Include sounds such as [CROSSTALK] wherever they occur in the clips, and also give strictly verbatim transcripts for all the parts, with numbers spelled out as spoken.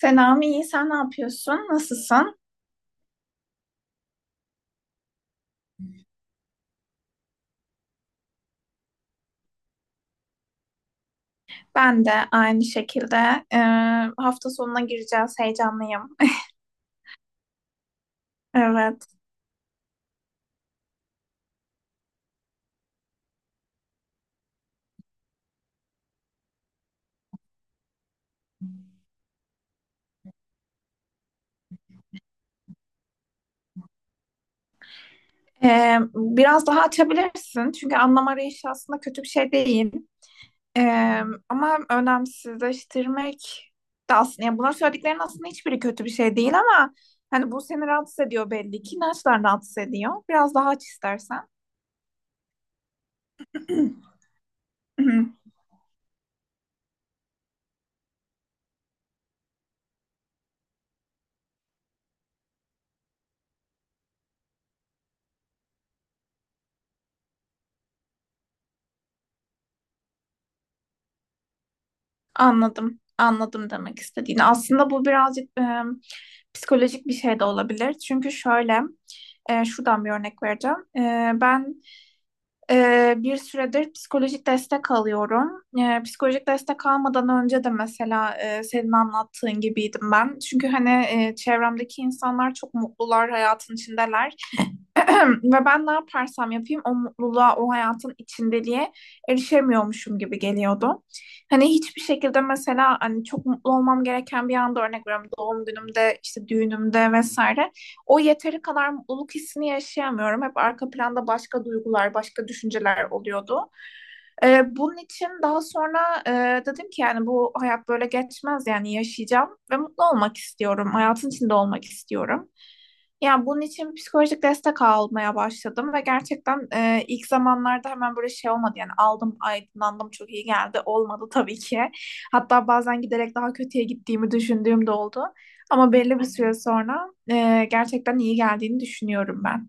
Selam, iyi. Sen ne yapıyorsun? Nasılsın? Ben de aynı şekilde e, hafta sonuna gireceğiz. Heyecanlıyım. [LAUGHS] Evet. E, biraz daha açabilirsin. Çünkü anlam arayışı aslında kötü bir şey değil. E, Ama önemsizleştirmek de aslında. Yani bunların söylediklerinin aslında hiçbiri kötü bir şey değil ama hani bu seni rahatsız ediyor belli ki. İnançlar rahatsız ediyor. Biraz daha aç istersen. [CLEARS THROAT] Anladım. Anladım demek istediğini. Aslında bu birazcık e, psikolojik bir şey de olabilir. Çünkü şöyle, e, şuradan bir örnek vereceğim. E, ben e, bir süredir psikolojik destek alıyorum. E, psikolojik destek almadan önce de mesela e, senin anlattığın gibiydim ben. Çünkü hani e, çevremdeki insanlar çok mutlular, hayatın içindeler. [CLEARS THROAT] Ve ben ne yaparsam yapayım o mutluluğa, o hayatın içindeliğe erişemiyormuşum gibi geliyordu. Hani hiçbir şekilde mesela hani çok mutlu olmam gereken bir anda örnek veriyorum doğum günümde, işte düğünümde vesaire. O yeteri kadar mutluluk hissini yaşayamıyorum. Hep arka planda başka duygular, başka düşünceler oluyordu. Ee, bunun için daha sonra e, dedim ki yani bu hayat böyle geçmez, yani yaşayacağım ve mutlu olmak istiyorum. Hayatın içinde olmak istiyorum. Yani bunun için psikolojik destek almaya başladım ve gerçekten e, ilk zamanlarda hemen böyle şey olmadı, yani aldım aydınlandım çok iyi geldi olmadı tabii ki. Hatta bazen giderek daha kötüye gittiğimi düşündüğüm de oldu. Ama belli bir süre sonra e, gerçekten iyi geldiğini düşünüyorum ben.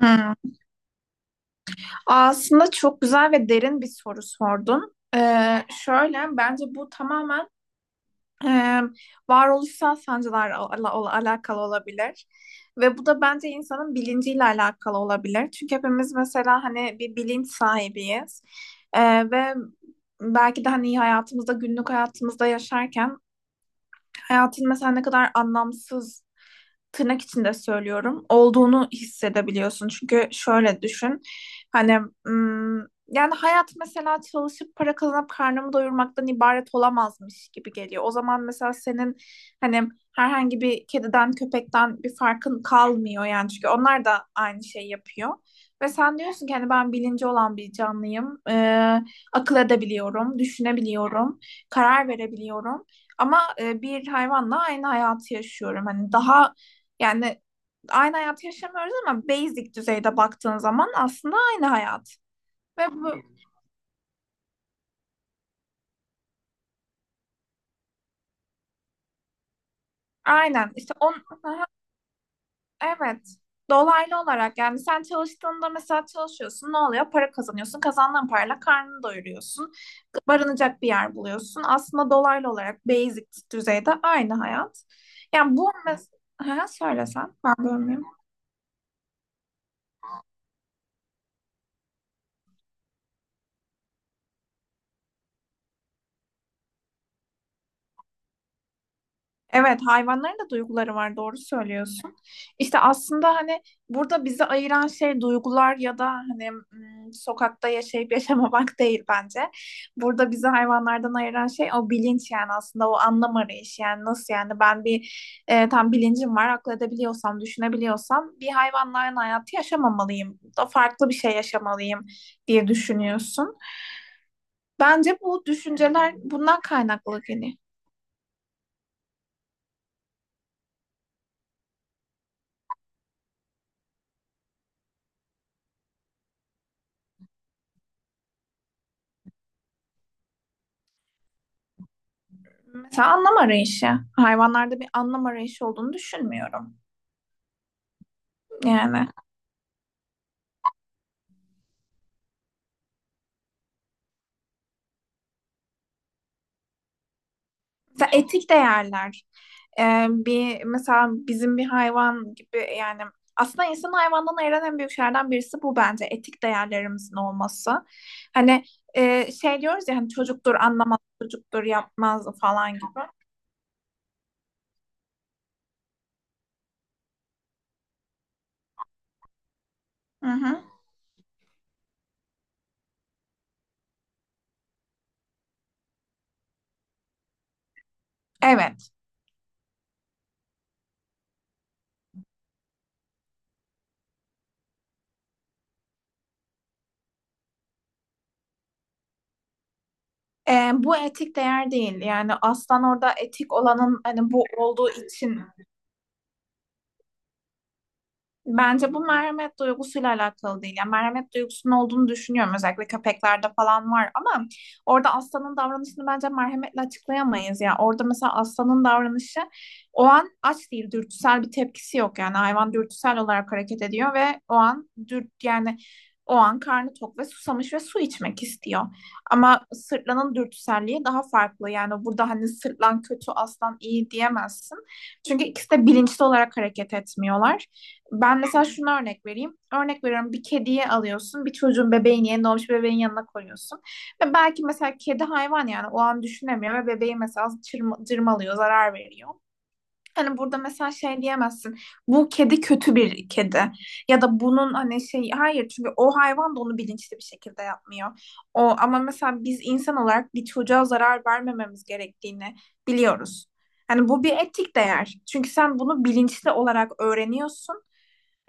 Hmm. Aslında çok güzel ve derin bir soru sordun. Ee, şöyle, bence bu tamamen e, varoluşsal sancılarla ala- ala- alakalı olabilir. Ve bu da bence insanın bilinciyle alakalı olabilir. Çünkü hepimiz mesela hani bir bilinç sahibiyiz. Ee, ve belki de hani hayatımızda, günlük hayatımızda yaşarken hayatın mesela ne kadar anlamsız, tırnak içinde söylüyorum, olduğunu hissedebiliyorsun. Çünkü şöyle düşün, hani mm, yani hayat mesela çalışıp para kazanıp karnımı doyurmaktan ibaret olamazmış gibi geliyor. O zaman mesela senin hani herhangi bir kediden köpekten bir farkın kalmıyor yani, çünkü onlar da aynı şey yapıyor. Ve sen diyorsun ki hani ben bilinci olan bir canlıyım, Ee, akıl edebiliyorum, düşünebiliyorum, karar verebiliyorum. Ama e, bir hayvanla aynı hayatı yaşıyorum. Hani daha, yani aynı hayatı yaşamıyoruz ama basic düzeyde baktığın zaman aslında aynı hayat. Ve bu aynen işte on aha, evet, dolaylı olarak yani sen çalıştığında mesela, çalışıyorsun, ne oluyor? Para kazanıyorsun. Kazandığın parayla karnını doyuruyorsun. Barınacak bir yer buluyorsun. Aslında dolaylı olarak basic düzeyde aynı hayat. Yani bu mesela söylesen ben bölmeyeyim. Evet, hayvanların da duyguları var, doğru söylüyorsun. İşte aslında hani burada bizi ayıran şey duygular ya da hani mm, sokakta yaşayıp [LAUGHS] yaşamamak değil bence. Burada bizi hayvanlardan ayıran şey o bilinç, yani aslında o anlam arayışı. Yani nasıl, yani ben bir e, tam bilincim var, akıl edebiliyorsam, düşünebiliyorsam, bir hayvanların hayatı yaşamamalıyım da farklı bir şey yaşamalıyım diye düşünüyorsun. Bence bu düşünceler bundan kaynaklı, hani. Mesela anlam arayışı. Hayvanlarda bir anlam arayışı olduğunu düşünmüyorum. Yani mesela etik değerler. Ee, bir mesela bizim bir hayvan gibi, yani aslında insan hayvandan ayıran en büyük şeylerden birisi bu bence, etik değerlerimizin olması. Hani e, şey diyoruz ya, hani çocuktur anlamaz, çocuktur yapmaz falan gibi. Hı hı. Evet. Ee, bu etik değer değil. Yani aslan orada etik olanın hani bu olduğu için. Bence bu merhamet duygusuyla alakalı değil. Yani merhamet duygusunun olduğunu düşünüyorum. Özellikle köpeklerde falan var ama orada aslanın davranışını bence merhametle açıklayamayız. Yani orada mesela aslanın davranışı, o an aç değil, dürtüsel bir tepkisi yok. Yani hayvan dürtüsel olarak hareket ediyor ve o an dürt yani o an karnı tok ve susamış ve su içmek istiyor. Ama sırtlanın dürtüselliği daha farklı. Yani burada hani sırtlan kötü, aslan iyi diyemezsin. Çünkü ikisi de bilinçli olarak hareket etmiyorlar. Ben mesela şuna örnek vereyim. Örnek veriyorum, bir kediyi alıyorsun. Bir çocuğun bebeğini, yeni doğmuş bebeğin yanına koyuyorsun. Ve belki mesela kedi hayvan, yani o an düşünemiyor ve bebeği mesela çırma- cırmalıyor, zarar veriyor. Hani burada mesela şey diyemezsin. Bu kedi kötü bir kedi. Ya da bunun hani şey, hayır, çünkü o hayvan da onu bilinçli bir şekilde yapmıyor. O ama mesela biz insan olarak bir çocuğa zarar vermememiz gerektiğini biliyoruz. Hani bu bir etik değer. Çünkü sen bunu bilinçli olarak öğreniyorsun,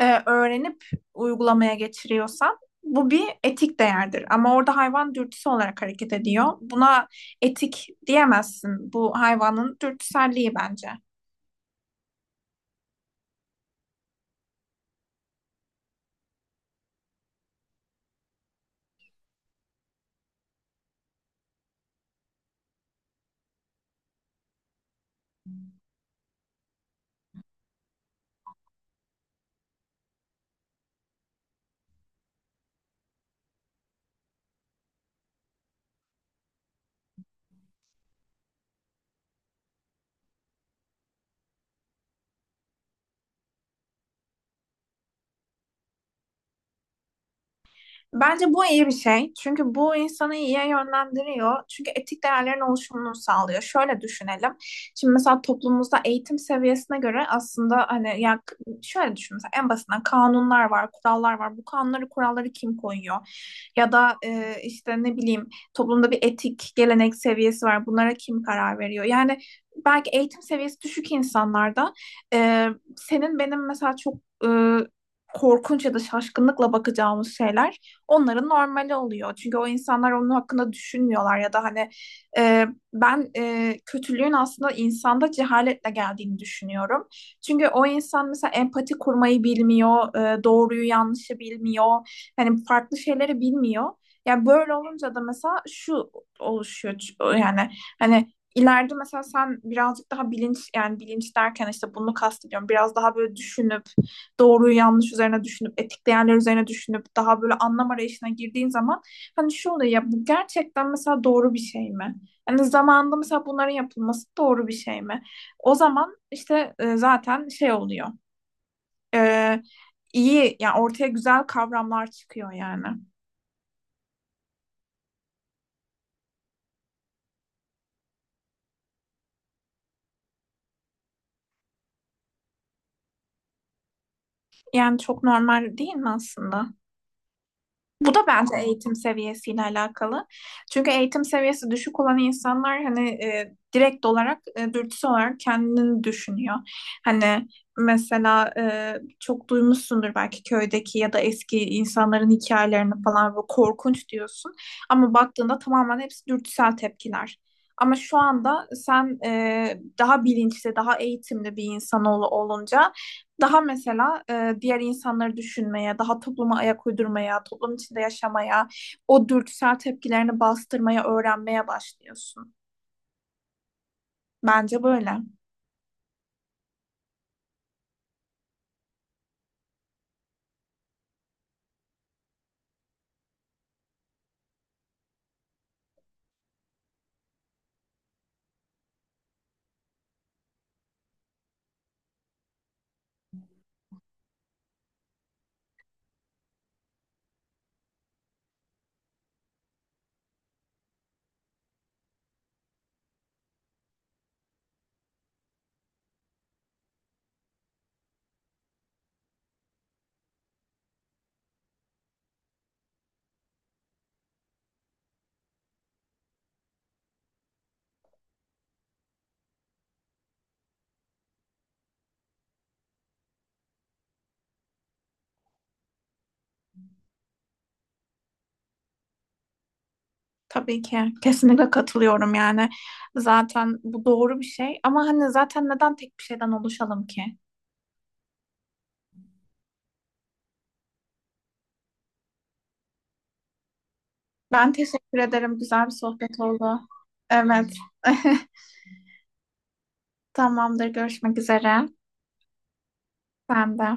e, öğrenip uygulamaya geçiriyorsan, bu bir etik değerdir. Ama orada hayvan dürtüsü olarak hareket ediyor. Buna etik diyemezsin. Bu hayvanın dürtüselliği bence. Bence bu iyi bir şey. Çünkü bu insanı iyiye yönlendiriyor. Çünkü etik değerlerin oluşumunu sağlıyor. Şöyle düşünelim. Şimdi mesela toplumumuzda eğitim seviyesine göre aslında, hani ya şöyle düşün mesela, en basitinden kanunlar var, kurallar var. Bu kanunları, kuralları kim koyuyor? Ya da e, işte ne bileyim, toplumda bir etik, gelenek seviyesi var. Bunlara kim karar veriyor? Yani belki eğitim seviyesi düşük insanlarda e, senin benim mesela çok e, korkunç ya da şaşkınlıkla bakacağımız şeyler onların normali oluyor. Çünkü o insanlar onun hakkında düşünmüyorlar ya da hani e, ben e, kötülüğün aslında insanda cehaletle geldiğini düşünüyorum. Çünkü o insan mesela empati kurmayı bilmiyor, e, doğruyu yanlışı bilmiyor, hani farklı şeyleri bilmiyor. Yani böyle olunca da mesela şu oluşuyor yani, hani ileride mesela sen birazcık daha bilinç, yani bilinç derken işte bunu kastediyorum, biraz daha böyle düşünüp doğruyu yanlış üzerine düşünüp etik değerler üzerine düşünüp daha böyle anlam arayışına girdiğin zaman, hani şu oluyor ya, bu gerçekten mesela doğru bir şey mi? Yani zamanında mesela bunların yapılması doğru bir şey mi? O zaman işte e, zaten şey oluyor. E, iyi yani ortaya güzel kavramlar çıkıyor yani. Yani çok normal değil mi aslında? Bu da bence eğitim seviyesiyle alakalı. Çünkü eğitim seviyesi düşük olan insanlar hani e, direkt olarak e, dürtüsel olarak kendini düşünüyor. Hani mesela e, çok duymuşsundur belki köydeki ya da eski insanların hikayelerini falan, ve korkunç diyorsun. Ama baktığında tamamen hepsi dürtüsel tepkiler. Ama şu anda sen e, daha bilinçli, daha eğitimli bir insan ol- olunca daha mesela e, diğer insanları düşünmeye, daha topluma ayak uydurmaya, toplum içinde yaşamaya, o dürtüsel tepkilerini bastırmaya, öğrenmeye başlıyorsun. Bence böyle. Tabii ki. Kesinlikle katılıyorum yani. Zaten bu doğru bir şey. Ama hani zaten neden tek bir şeyden oluşalım ki? Ben teşekkür ederim. Güzel bir sohbet oldu. Evet. [LAUGHS] Tamamdır. Görüşmek üzere. Ben de.